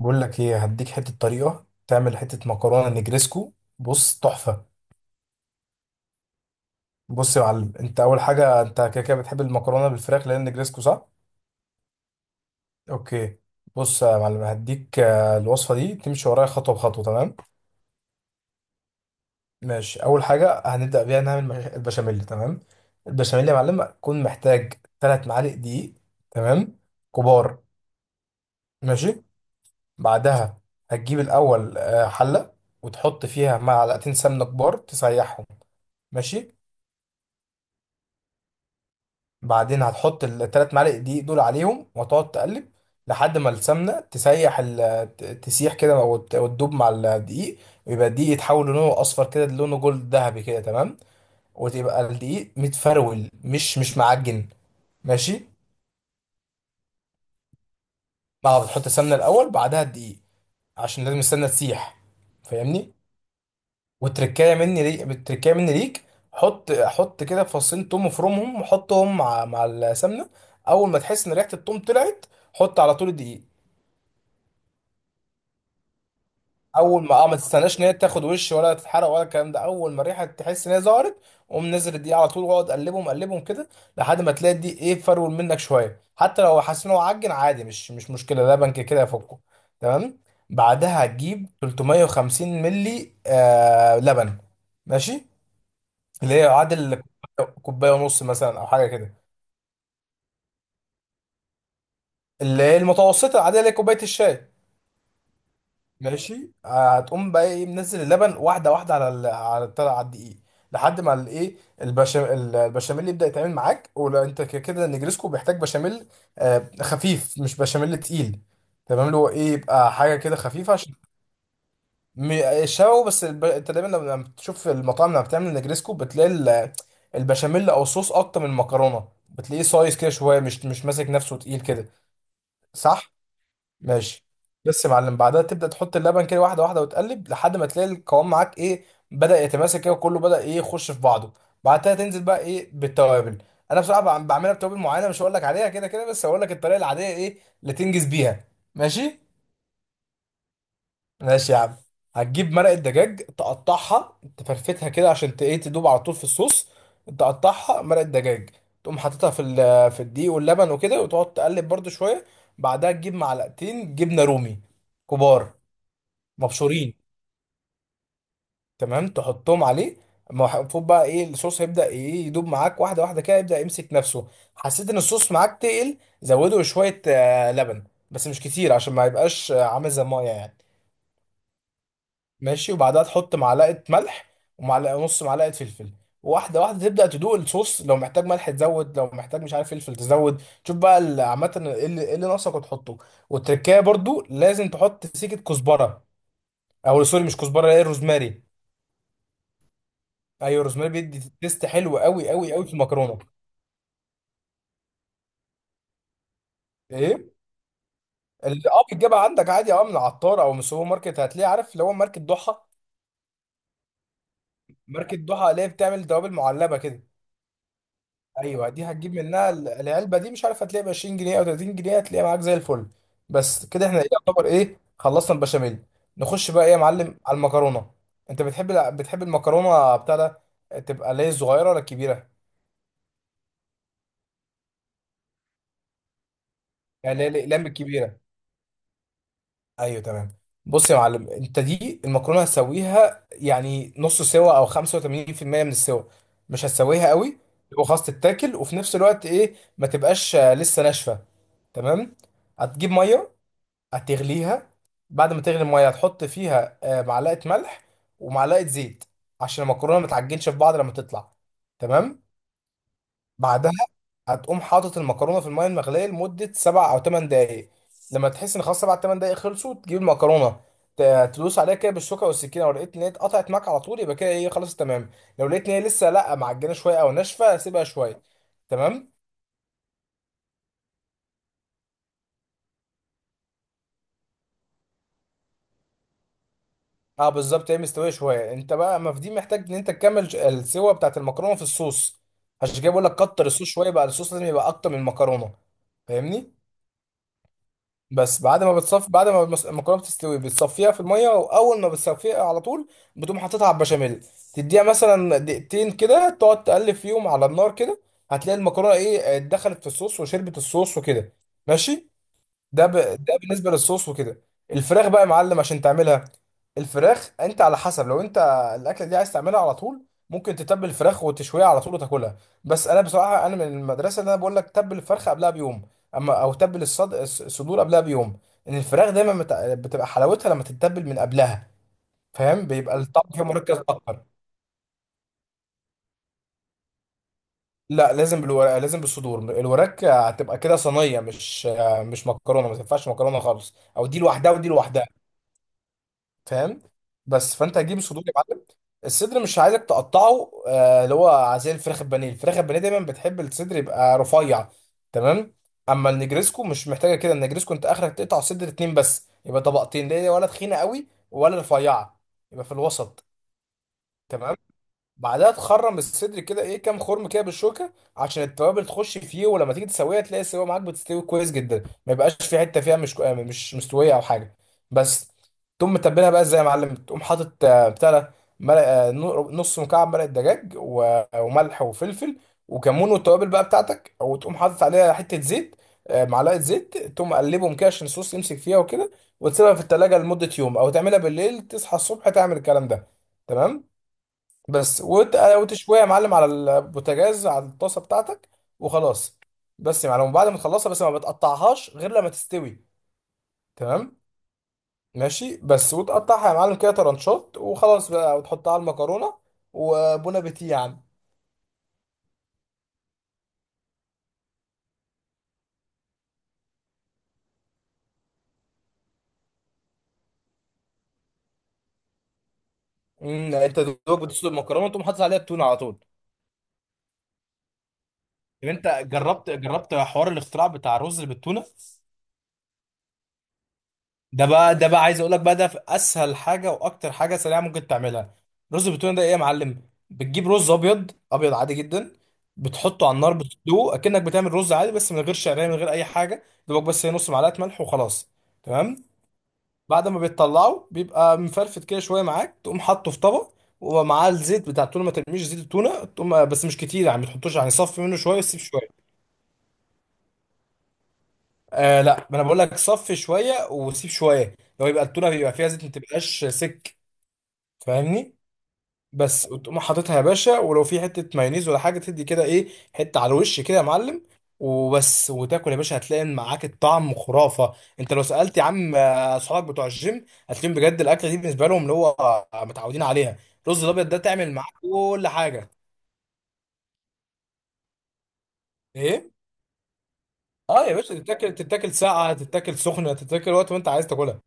بقول لك ايه، هديك حته طريقه تعمل حته مكرونه نجريسكو. بص تحفه. بص يا معلم، انت اول حاجه انت كده كده بتحب المكرونه بالفراخ لان نجريسكو، صح؟ اوكي. بص يا معلم هديك الوصفه دي تمشي ورايا خطوه بخطوه، تمام؟ ماشي، اول حاجه هنبدا بيها نعمل البشاميل. تمام. البشاميل يا معلم هتكون محتاج 3 معالق دقيق، تمام، كبار. ماشي. بعدها هتجيب الاول حله وتحط فيها معلقتين سمنه كبار تسيحهم. ماشي. بعدين هتحط الثلاث معالق دقيق دول عليهم وتقعد تقلب لحد ما السمنه تسيح كده وتدوب مع الدقيق، ويبقى الدقيق يتحول لونه اصفر كده، لونه جولد ذهبي كده، تمام. وتبقى الدقيق متفرول مش معجن. ماشي. بعد بتحط السمنه الاول بعدها الدقيق، عشان لازم السمنه تسيح، فاهمني؟ والتركايه مني ليك، التركايه مني ليك، حط كده فصين توم وفرمهم وحطهم مع السمنه. اول ما تحس ان ريحه التوم طلعت، حط على طول الدقيق. اول ما اه ما تستناش ان هي تاخد وش ولا تتحرق ولا الكلام ده، اول ما الريحه تحس ان هي ظهرت، قوم نزل الدقيق على طول واقعد قلبهم كده لحد ما تلاقي الدقيق ايه، فرول منك شويه. حتى لو حاسس ان هو عجن عادي مش مشكله، لبن كده كده يفكه، تمام. بعدها هتجيب 350 ملي لبن. ماشي. اللي هي عادل كوبايه ونص مثلا او حاجه كده، اللي هي المتوسطه العاديه اللي هي كوبايه الشاي. ماشي. هتقوم بقى ايه منزل اللبن واحده واحده على الطلع على الدقيق لحد ما الايه، البشاميل، البشاميل يبدا يتعمل معاك. ولو انت كده كده النجريسكو بيحتاج بشاميل آه خفيف، مش بشاميل تقيل. تمام، اللي هو ايه يبقى حاجه كده خفيفه، عشان انت دايما لما بتشوف المطاعم لما بتعمل نجريسكو بتلاقي البشاميل او صوص اكتر من المكرونه، بتلاقيه سايز كده شويه، مش ماسك نفسه تقيل كده، صح؟ ماشي. بس يا معلم بعدها تبدا تحط اللبن كده واحده واحده وتقلب لحد ما تلاقي القوام معاك ايه، بدا يتماسك كده، وكله بدا ايه يخش في بعضه. بعدها تنزل بقى ايه بالتوابل. انا بصراحه بعملها بتوابل معينه مش هقول لك عليها كده كده، بس هقول لك الطريقه العاديه ايه اللي تنجز بيها. ماشي. ماشي يا عم. هتجيب مرقة دجاج تقطعها تفرفتها كده عشان ايه تدوب على طول في الصوص. تقطعها مرقة دجاج، تقوم حاططها في الدقيق واللبن وكده وتقعد تقلب برضو شوية. بعدها تجيب معلقتين جبنة رومي كبار مبشورين. تمام، تحطهم عليه. ما هو المفروض بقى ايه الصوص هيبدأ ايه يدوب معاك واحدة واحدة كده، يبدأ يمسك نفسه. حسيت ان الصوص معاك تقل، زوده شوية لبن، بس مش كتير عشان ما يبقاش عامل زي المية يعني. ماشي. وبعدها تحط معلقه ملح نص معلقه فلفل، واحده واحده تبدا تدوق الصوص. لو محتاج ملح تزود، لو محتاج مش عارف فلفل تزود، شوف بقى عامه ايه اللي إيه اللي ناقصك وتحطه. والتركية برضو لازم تحط سيكه كزبره، او سوري مش كزبره، ايه، الروزماري. ايوه، الروزماري بيدي تيست حلو قوي قوي قوي في المكرونه. ايه؟ اللي اه بتجيبها عندك عادي، اه من العطار او من السوبر ماركت، هتلاقي عارف اللي هو ماركه ضحى. ماركه ضحى اللي هي بتعمل توابل معلبه كده. ايوه، دي هتجيب منها العلبه دي، مش عارف هتلاقي ب 20 جنيه او 30 جنيه، هتلاقيها معاك زي الفل. بس كده احنا إيه يعتبر ايه خلصنا البشاميل. نخش بقى ايه يا معلم على المكرونه. انت بتحب المكرونه بتاع ده، تبقى اللي هي الصغيره ولا الكبيره؟ يعني اللي هي الاقلام الكبيره. ايوه تمام. بص يا معلم، انت دي المكرونه هتسويها يعني نص سوا او 85% من السوا، مش هتسويها قوي، يبقى خلاص تتاكل وفي نفس الوقت ايه ما تبقاش لسه ناشفه. تمام. هتجيب ميه، هتغليها. بعد ما تغلي الميه هتحط فيها معلقه ملح ومعلقه زيت عشان المكرونه ما تعجنش في بعض لما تطلع. تمام. بعدها هتقوم حاطط المكرونه في الميه المغليه لمده سبع او ثمان دقائق. لما تحس ان خلاص سبع ثمان دقائق خلصوا، تجيب المكرونه تدوس عليها كده بالشوكه والسكينه. لو لقيت ان هي اتقطعت معاك على طول يبقى كده ايه خلاص تمام. لو لقيت ان هي لسه لا معجنه شويه او ناشفه، سيبها شويه. تمام. اه بالظبط، هي مستويه شويه، انت بقى ما في دي محتاج ان انت تكمل السوا بتاعت المكرونه في الصوص. عشان كده بقول لك كتر الصوص شويه، بقى الصوص لازم يبقى اكتر من المكرونه، فاهمني؟ بس بعد ما بتصف، بعد ما المكرونه بتستوي بتصفيها في الميه، واول ما بتصفيها على طول بتقوم حاططها على البشاميل، تديها مثلا دقيقتين كده تقعد تقلب فيهم على النار كده. هتلاقي المكرونه ايه دخلت في الصوص وشربت الصوص وكده. ماشي. ده بالنسبه للصوص وكده. الفراخ بقى يا معلم عشان تعملها. الفراخ انت على حسب، لو انت الاكله دي عايز تعملها على طول، ممكن تتبل الفراخ وتشويها على طول وتاكلها. بس انا بصراحه انا من المدرسه اللي انا بقول لك تبل الفرخه قبلها بيوم، اما او تبل الصدور قبلها بيوم. ان الفراخ دايما بتبقى حلاوتها لما تتبل من قبلها، فاهم؟ بيبقى الطعم فيها مركز اكتر. لا، لازم بالورق، لازم بالصدور. الوراك هتبقى كده صينيه، مش مكرونه، ما تنفعش مكرونه خالص، او دي لوحدها ودي لوحدها، فاهم؟ بس فانت هتجيب الصدور يا معلم. الصدر مش عايزك تقطعه اللي هو زي الفراخ البانيه. الفراخ البانيه دايما بتحب الصدر يبقى رفيع، تمام. اما النجريسكو مش محتاجه كده، النجريسكو انت اخرك تقطع الصدر اتنين بس، يبقى طبقتين ليه، ولا تخينه قوي ولا رفيعه، يبقى في الوسط. تمام. بعدها تخرم الصدر كده ايه كام خرم كده بالشوكه عشان التوابل تخش فيه، ولما تيجي تسويها تلاقي السوا معاك بتستوي كويس جدا، ما يبقاش في حته فيها مش كو- آه، مش مستويه او حاجه، بس. تقوم متبلها بقى ازاي يا معلم؟ تقوم حاطط بتاع ده نص مكعب مرقه دجاج وملح وفلفل وكمون والتوابل بقى بتاعتك، وتقوم حاطط عليها حته زيت، معلقه زيت. تقوم قلبهم كده عشان الصوص يمسك فيها وكده، وتسيبها في التلاجة لمده يوم، او تعملها بالليل تصحى الصبح تعمل الكلام ده. تمام. بس وتشويها يا معلم على البوتاجاز على الطاسه بتاعتك، وخلاص. بس يا معلم بعد ما تخلصها، بس ما بتقطعهاش غير لما تستوي. تمام. ماشي. بس وتقطعها يا معلم كده ترانشات وخلاص بقى، وتحطها على المكرونه، وبون ابيتي يا عم. مم، انت دوبك بتسلق المكرونه وتقوم حاطط عليها التونه على طول. طب انت جربت، جربت حوار الاختراع بتاع الرز اللي بالتونه؟ ده بقى عايز اقول لك بقى، ده في اسهل حاجه واكتر حاجه سريعه ممكن تعملها. رز بالتونه ده ايه يا معلم؟ بتجيب رز ابيض ابيض عادي جدا، بتحطه على النار بتسلقه اكنك بتعمل رز عادي، بس من غير شعريه من غير اي حاجه، دوبك بس هي نص معلقه ملح وخلاص. تمام. بعد ما بتطلعه بيبقى مفرفت كده شويه معاك، تقوم حاطه في طبق ومعاه الزيت بتاع التونه، ما ترميش زيت التونه تقوم، بس مش كتير يعني ما تحطوش، يعني صفي منه شويه وسيب شويه. آه لا، ما انا بقول لك صفي شويه وسيب شويه، لو يبقى التونه بيبقى فيها زيت ما تبقاش سك، فاهمني؟ بس وتقوم حاططها يا باشا، ولو في حته مايونيز ولا حاجه تدي كده ايه حته على الوش كده يا معلم، وبس وتاكل يا باشا، هتلاقي إن معاك الطعم خرافه. انت لو سالت يا عم اصحابك بتوع الجيم هتلاقيهم بجد الاكله دي بالنسبه لهم اللي هو متعودين عليها. الرز الابيض ده تعمل معاك كل حاجه. ايه؟ اه يا باشا تتاكل، تتاكل ساقعه، تتاكل سخنه، تتاكل وقت ما انت عايز تاكلها.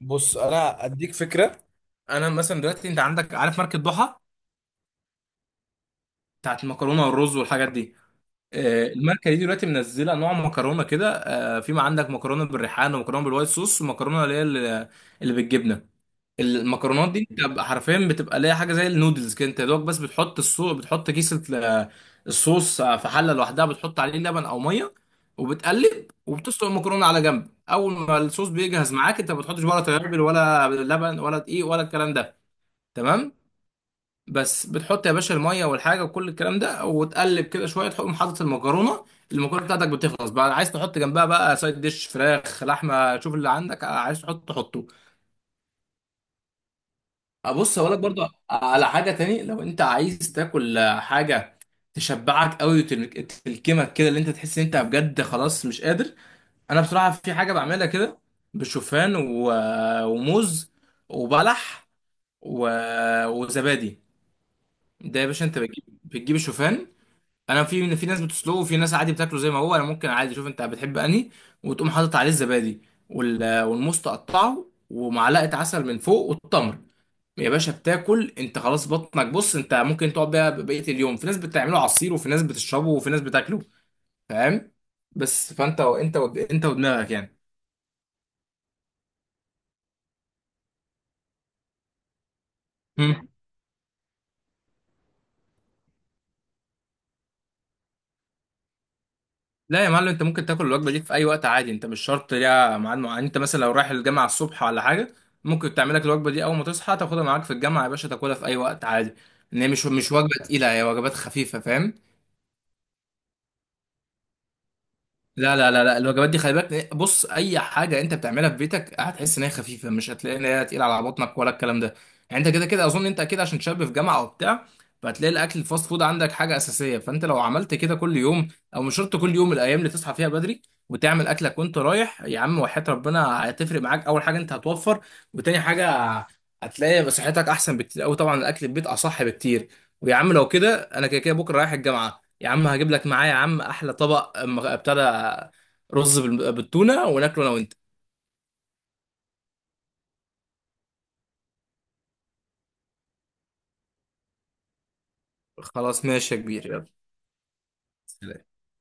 بص انا اديك فكره. انا مثلا دلوقتي انت عندك، عارف ماركه ضحى بتاعت المكرونه والرز والحاجات دي؟ الماركه دي دلوقتي منزله انواع مكرونه كده في، ما عندك مكرونه بالريحان، ومكرونه بالوايت صوص، ومكرونه اللي هي اللي بالجبنه. المكرونات دي انت بقى حرفيا بتبقى ليها حاجه زي النودلز كده، انت يا دوبك بس بتحط الصوص، بتحط كيسه الصوص في حله لوحدها، بتحط عليه لبن او ميه وبتقلب، وبتسلق المكرونه على جنب. اول ما الصوص بيجهز معاك، انت ما بتحطش ولا توابل ولا لبن ولا دقيق ولا الكلام ده. تمام. بس بتحط يا باشا الميه والحاجه وكل الكلام ده وتقلب كده شويه، تقوم حاطط المكرونه. المكرونه بتاعتك بتخلص بقى، عايز تحط جنبها بقى سايد ديش فراخ لحمه، شوف اللي عندك عايز تحط تحطه. ابص اقول لك برضو على حاجه تاني، لو انت عايز تاكل حاجه تشبعك قوي وتلكمك كده اللي انت تحس ان انت بجد خلاص مش قادر، انا بصراحه في حاجه بعملها كده بالشوفان وموز وبلح و... وزبادي. ده يا باشا انت بتجيب الشوفان، انا في ناس بتسلقه وفي ناس عادي بتاكله زي ما هو، انا ممكن عادي، شوف انت بتحب انهي، وتقوم حاطط عليه الزبادي والموز تقطعه ومعلقه عسل من فوق والتمر. يا باشا بتاكل انت خلاص، بطنك بص انت ممكن تقعد بيها بقيه اليوم. في ناس بتعمله عصير، وفي ناس بتشربه، وفي ناس بتاكله، فاهم؟ بس فانت انت ودماغك يعني. لا يا معلم، انت ممكن تاكل الوجبه دي في اي وقت عادي. انت مش شرط ليها ميعاد معين، انت مثلا لو رايح الجامعه الصبح ولا حاجه، ممكن تعمل لك الوجبه دي اول ما تصحى تاخدها معاك في الجامعه يا باشا، تاكلها في اي وقت عادي. ان هي مش وجبه تقيله، هي وجبات خفيفه، فاهم؟ لا لا لا لا، الوجبات دي خلي بالك، بص، اي حاجه انت بتعملها في بيتك هتحس ان هي خفيفه، مش هتلاقي ان هي تقيله على بطنك ولا الكلام ده. يعني انت كده كده اظن انت اكيد عشان شاب في جامعه وبتاع، فهتلاقي الاكل الفاست فود عندك حاجه اساسيه، فانت لو عملت كده كل يوم، او مش شرط كل يوم، الايام اللي تصحى فيها بدري وتعمل اكلك وانت رايح يا عم، وحياة ربنا هتفرق معاك. اول حاجه انت هتوفر، وتاني حاجه هتلاقي صحتك احسن بكتير قوي. طبعا الاكل في البيت اصح بكتير. ويا عم لو كده انا كده كده بكره رايح الجامعه، يا عم هجيب لك معايا يا عم احلى طبق ابتدى رز بالتونه وناكله انا وانت. خلاص ماشي يا كبير، يلا. سلام.